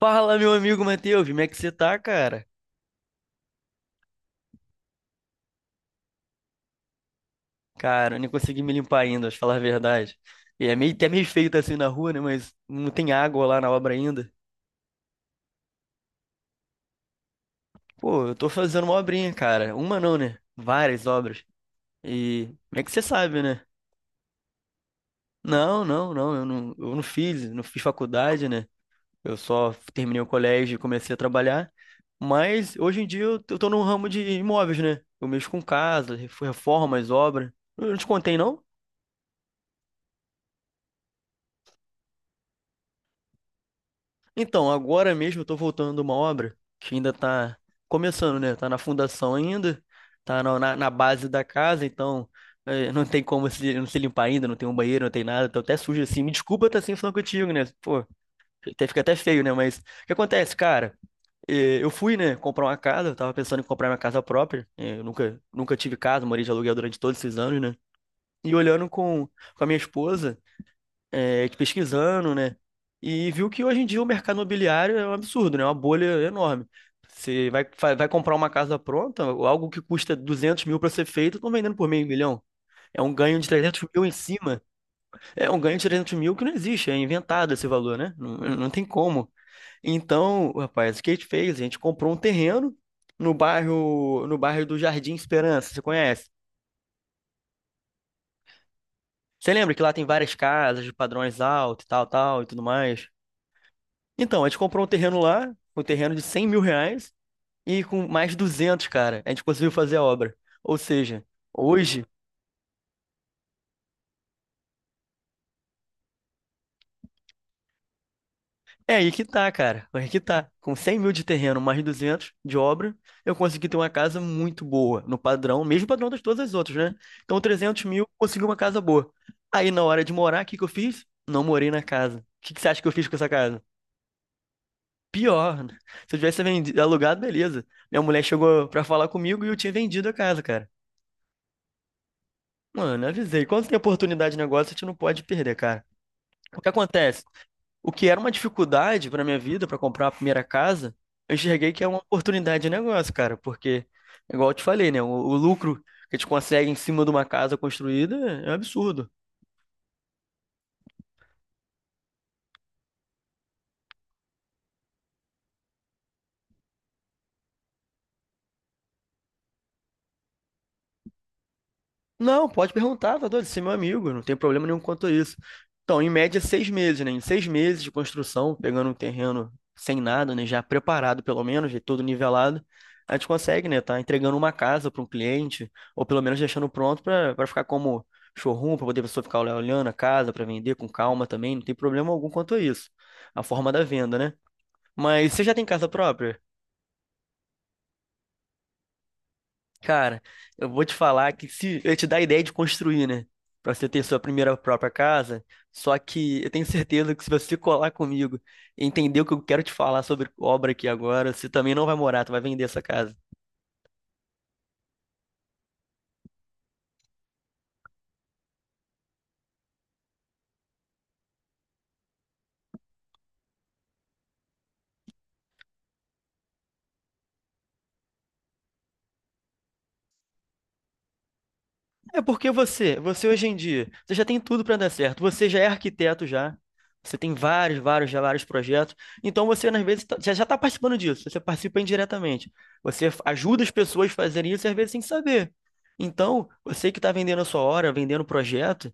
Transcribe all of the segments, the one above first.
Fala, meu amigo Matheus, como é que você tá, cara? Cara, eu nem consegui me limpar ainda, pra falar a verdade. E é meio, até meio feio tá assim na rua, né? Mas não tem água lá na obra ainda. Pô, eu tô fazendo uma obrinha, cara. Uma não, né? Várias obras. E como é que você sabe, né? Não, eu não fiz, não fiz faculdade, né? Eu só terminei o colégio e comecei a trabalhar. Mas hoje em dia eu tô no ramo de imóveis, né? Eu mexo com casa, reformas, obras. Eu não te contei, não? Então, agora mesmo eu tô voltando de uma obra que ainda tá começando, né? Tá na fundação ainda, tá na base da casa, então não tem como se, não se limpar ainda, não tem um banheiro, não tem nada, tô até sujo assim. Me desculpa estar assim falando contigo, né? Pô, até, fica até feio, né? Mas o que acontece, cara? Eu fui, né, comprar uma casa, eu tava pensando em comprar minha casa própria, eu nunca tive casa, morei de aluguel durante todos esses anos, né? E olhando com a minha esposa é, de pesquisando, né? E viu que hoje em dia o mercado imobiliário é um absurdo, né? É uma bolha enorme. Você vai, vai comprar uma casa pronta, algo que custa 200 mil para ser feito, estão vendendo por meio milhão. É um ganho de 300 mil em cima. É um ganho de 300 mil que não existe, é inventado esse valor, né? Não tem como. Então, rapaz, o que a gente fez? A gente comprou um terreno no bairro, no bairro do Jardim Esperança, você conhece? Você lembra que lá tem várias casas de padrões altos e tal, tal e tudo mais? Então, a gente comprou um terreno lá, um terreno de 100 mil reais, e com mais 200, cara, a gente conseguiu fazer a obra. Ou seja, hoje, é aí que tá, cara, é aí que tá. Com 100 mil de terreno, mais 200 de obra, eu consegui ter uma casa muito boa, no padrão, mesmo padrão das todas as outras, né? Então, 300 mil, consegui uma casa boa. Aí, na hora de morar, o que que eu fiz? Não morei na casa. O que que você acha que eu fiz com essa casa? Pior, né? Se eu tivesse vendido, alugado, beleza. Minha mulher chegou pra falar comigo e eu tinha vendido a casa, cara. Mano, avisei. Quando tem oportunidade de negócio, a gente não pode perder, cara. O que acontece? O que era uma dificuldade pra minha vida, pra comprar a primeira casa, eu enxerguei que é uma oportunidade de negócio, cara. Porque, igual eu te falei, né? O lucro que a gente consegue em cima de uma casa construída é um absurdo. Não, pode perguntar, tá doido? Você é meu amigo, eu não tem problema nenhum quanto a isso. Então, em média, 6 meses, né? Em 6 meses de construção, pegando um terreno sem nada, né? Já preparado, pelo menos, de tudo nivelado, a gente consegue, né? Tá entregando uma casa para um cliente, ou pelo menos deixando pronto para ficar como showroom, para poder a pessoa ficar olhando a casa para vender com calma também, não tem problema algum quanto a isso. A forma da venda, né? Mas você já tem casa própria? Cara, eu vou te falar que se eu te dar a ideia de construir, né? Pra você ter sua primeira própria casa. Só que eu tenho certeza que se você colar comigo e entender o que eu quero te falar sobre obra aqui agora, você também não vai morar, tu vai vender essa casa. É porque você, você hoje em dia, você já tem tudo para dar certo. Você já é arquiteto já. Você tem já vários projetos. Então você, às vezes, já está participando disso. Você participa indiretamente. Você ajuda as pessoas a fazerem isso, às vezes, sem saber. Então, você que está vendendo a sua hora, vendendo o projeto,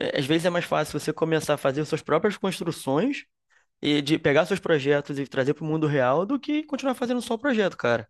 às vezes é mais fácil você começar a fazer suas próprias construções e de pegar seus projetos e trazer para o mundo real do que continuar fazendo só o projeto, cara.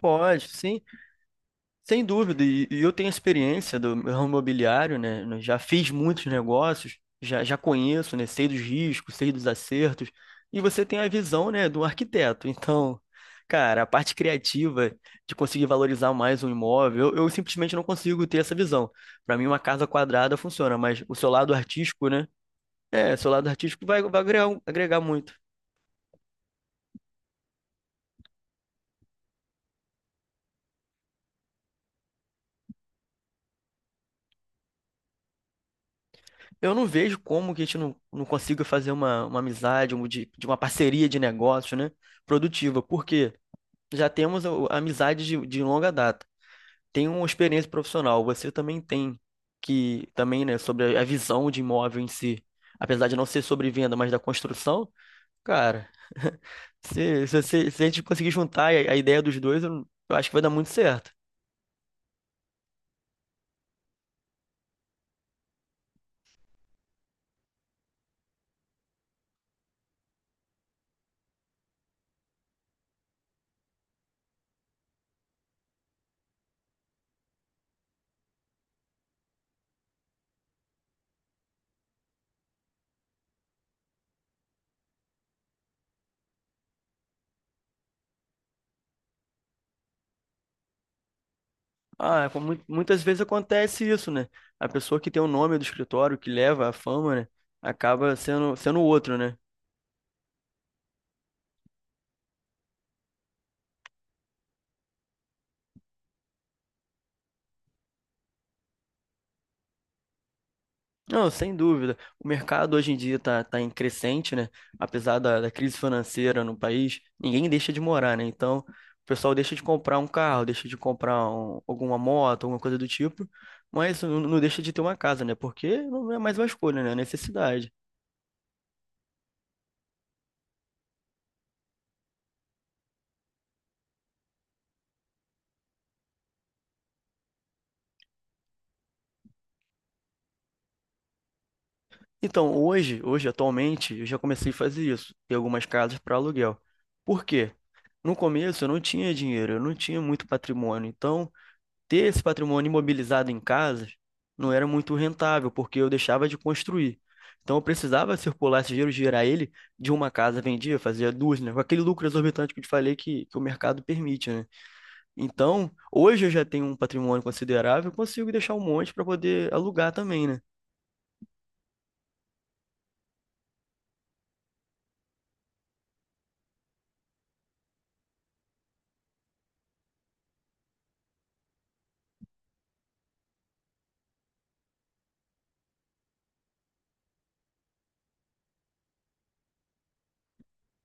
Pode, sim. Sem dúvida, e eu tenho experiência do ramo imobiliário, né? Já fiz muitos negócios, já, já conheço, né? Sei dos riscos, sei dos acertos, e você tem a visão, né, do arquiteto. Então, cara, a parte criativa de conseguir valorizar mais um imóvel, eu simplesmente não consigo ter essa visão. Para mim, uma casa quadrada funciona, mas o seu lado artístico, né? É, seu lado artístico vai, vai agregar, um, agregar muito. Eu não vejo como que a gente não consiga fazer uma amizade, um de uma parceria de negócio, né? Produtiva, porque já temos a amizade de longa data. Tem uma experiência profissional, você também tem que também, né, sobre a visão de imóvel em si. Apesar de não ser sobre venda, mas da construção, cara, se a gente conseguir juntar a ideia dos dois, eu acho que vai dar muito certo. Ah, como muitas vezes acontece isso, né? A pessoa que tem o nome do escritório, que leva a fama, né? Acaba sendo, sendo outro, né? Não, sem dúvida. O mercado hoje em dia tá, tá em crescente, né? Apesar da, da crise financeira no país, ninguém deixa de morar, né? Então, o pessoal deixa de comprar um carro, deixa de comprar alguma moto, alguma coisa do tipo, mas não deixa de ter uma casa, né? Porque não é mais uma escolha, né? É necessidade. Então, hoje, atualmente, eu já comecei a fazer isso, ter algumas casas para aluguel. Por quê? No começo eu não tinha dinheiro, eu não tinha muito patrimônio. Então, ter esse patrimônio imobilizado em casas não era muito rentável, porque eu deixava de construir. Então, eu precisava circular esse dinheiro, girar ele de uma casa, vendia, fazia duas, né? Com aquele lucro exorbitante que eu te falei que o mercado permite, né? Então, hoje eu já tenho um patrimônio considerável, eu consigo deixar um monte para poder alugar também, né?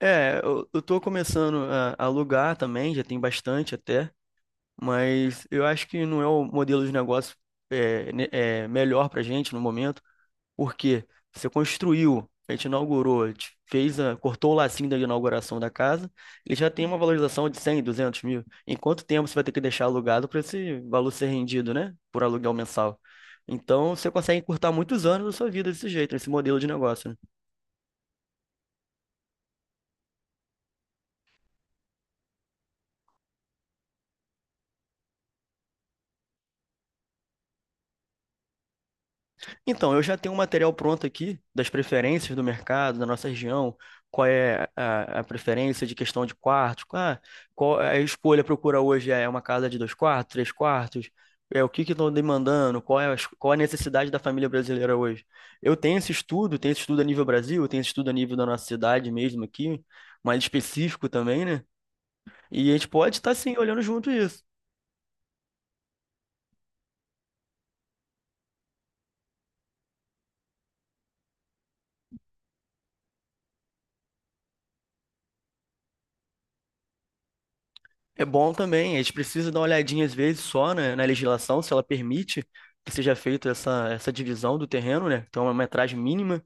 É, eu tô começando a alugar também, já tem bastante até, mas eu acho que não é o modelo de negócio é, é, melhor pra gente no momento, porque você construiu, a gente inaugurou, a gente fez a, cortou o lacinho da inauguração da casa, ele já tem uma valorização de 100, 200 mil. Em quanto tempo você vai ter que deixar alugado para esse valor ser rendido, né? Por aluguel mensal. Então, você consegue encurtar muitos anos da sua vida desse jeito, nesse modelo de negócio, né? Então, eu já tenho um material pronto aqui das preferências do mercado, da nossa região, qual é a preferência de questão de quartos, ah, qual a escolha procura hoje é uma casa de dois quartos, três quartos, é o que que estão demandando, qual é a, qual é a necessidade da família brasileira hoje. Eu tenho esse estudo a nível Brasil, tenho esse estudo a nível da nossa cidade mesmo aqui, mais específico também, né? E a gente pode estar sim olhando junto isso. É bom também, a gente precisa dar uma olhadinha às vezes só, né, na legislação, se ela permite que seja feita essa, essa divisão do terreno, né? Então é uma metragem mínima,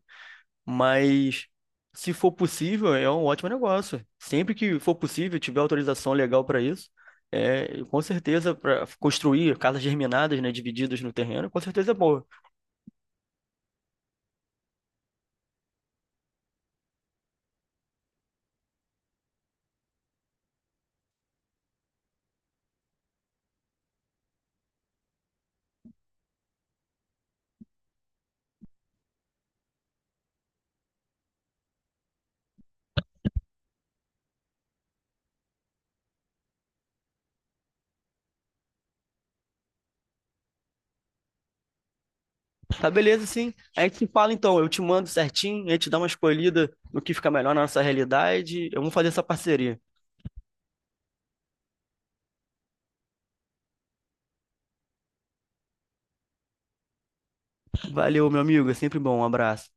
mas se for possível, é um ótimo negócio. Sempre que for possível, tiver autorização legal para isso, é, com certeza para construir casas germinadas, né, divididas no terreno, com certeza é boa. Tá beleza, sim. A gente se fala então, eu te mando certinho, a gente dá uma escolhida no que fica melhor na nossa realidade, eu vou fazer essa parceria. Valeu, meu amigo, é sempre bom, um abraço.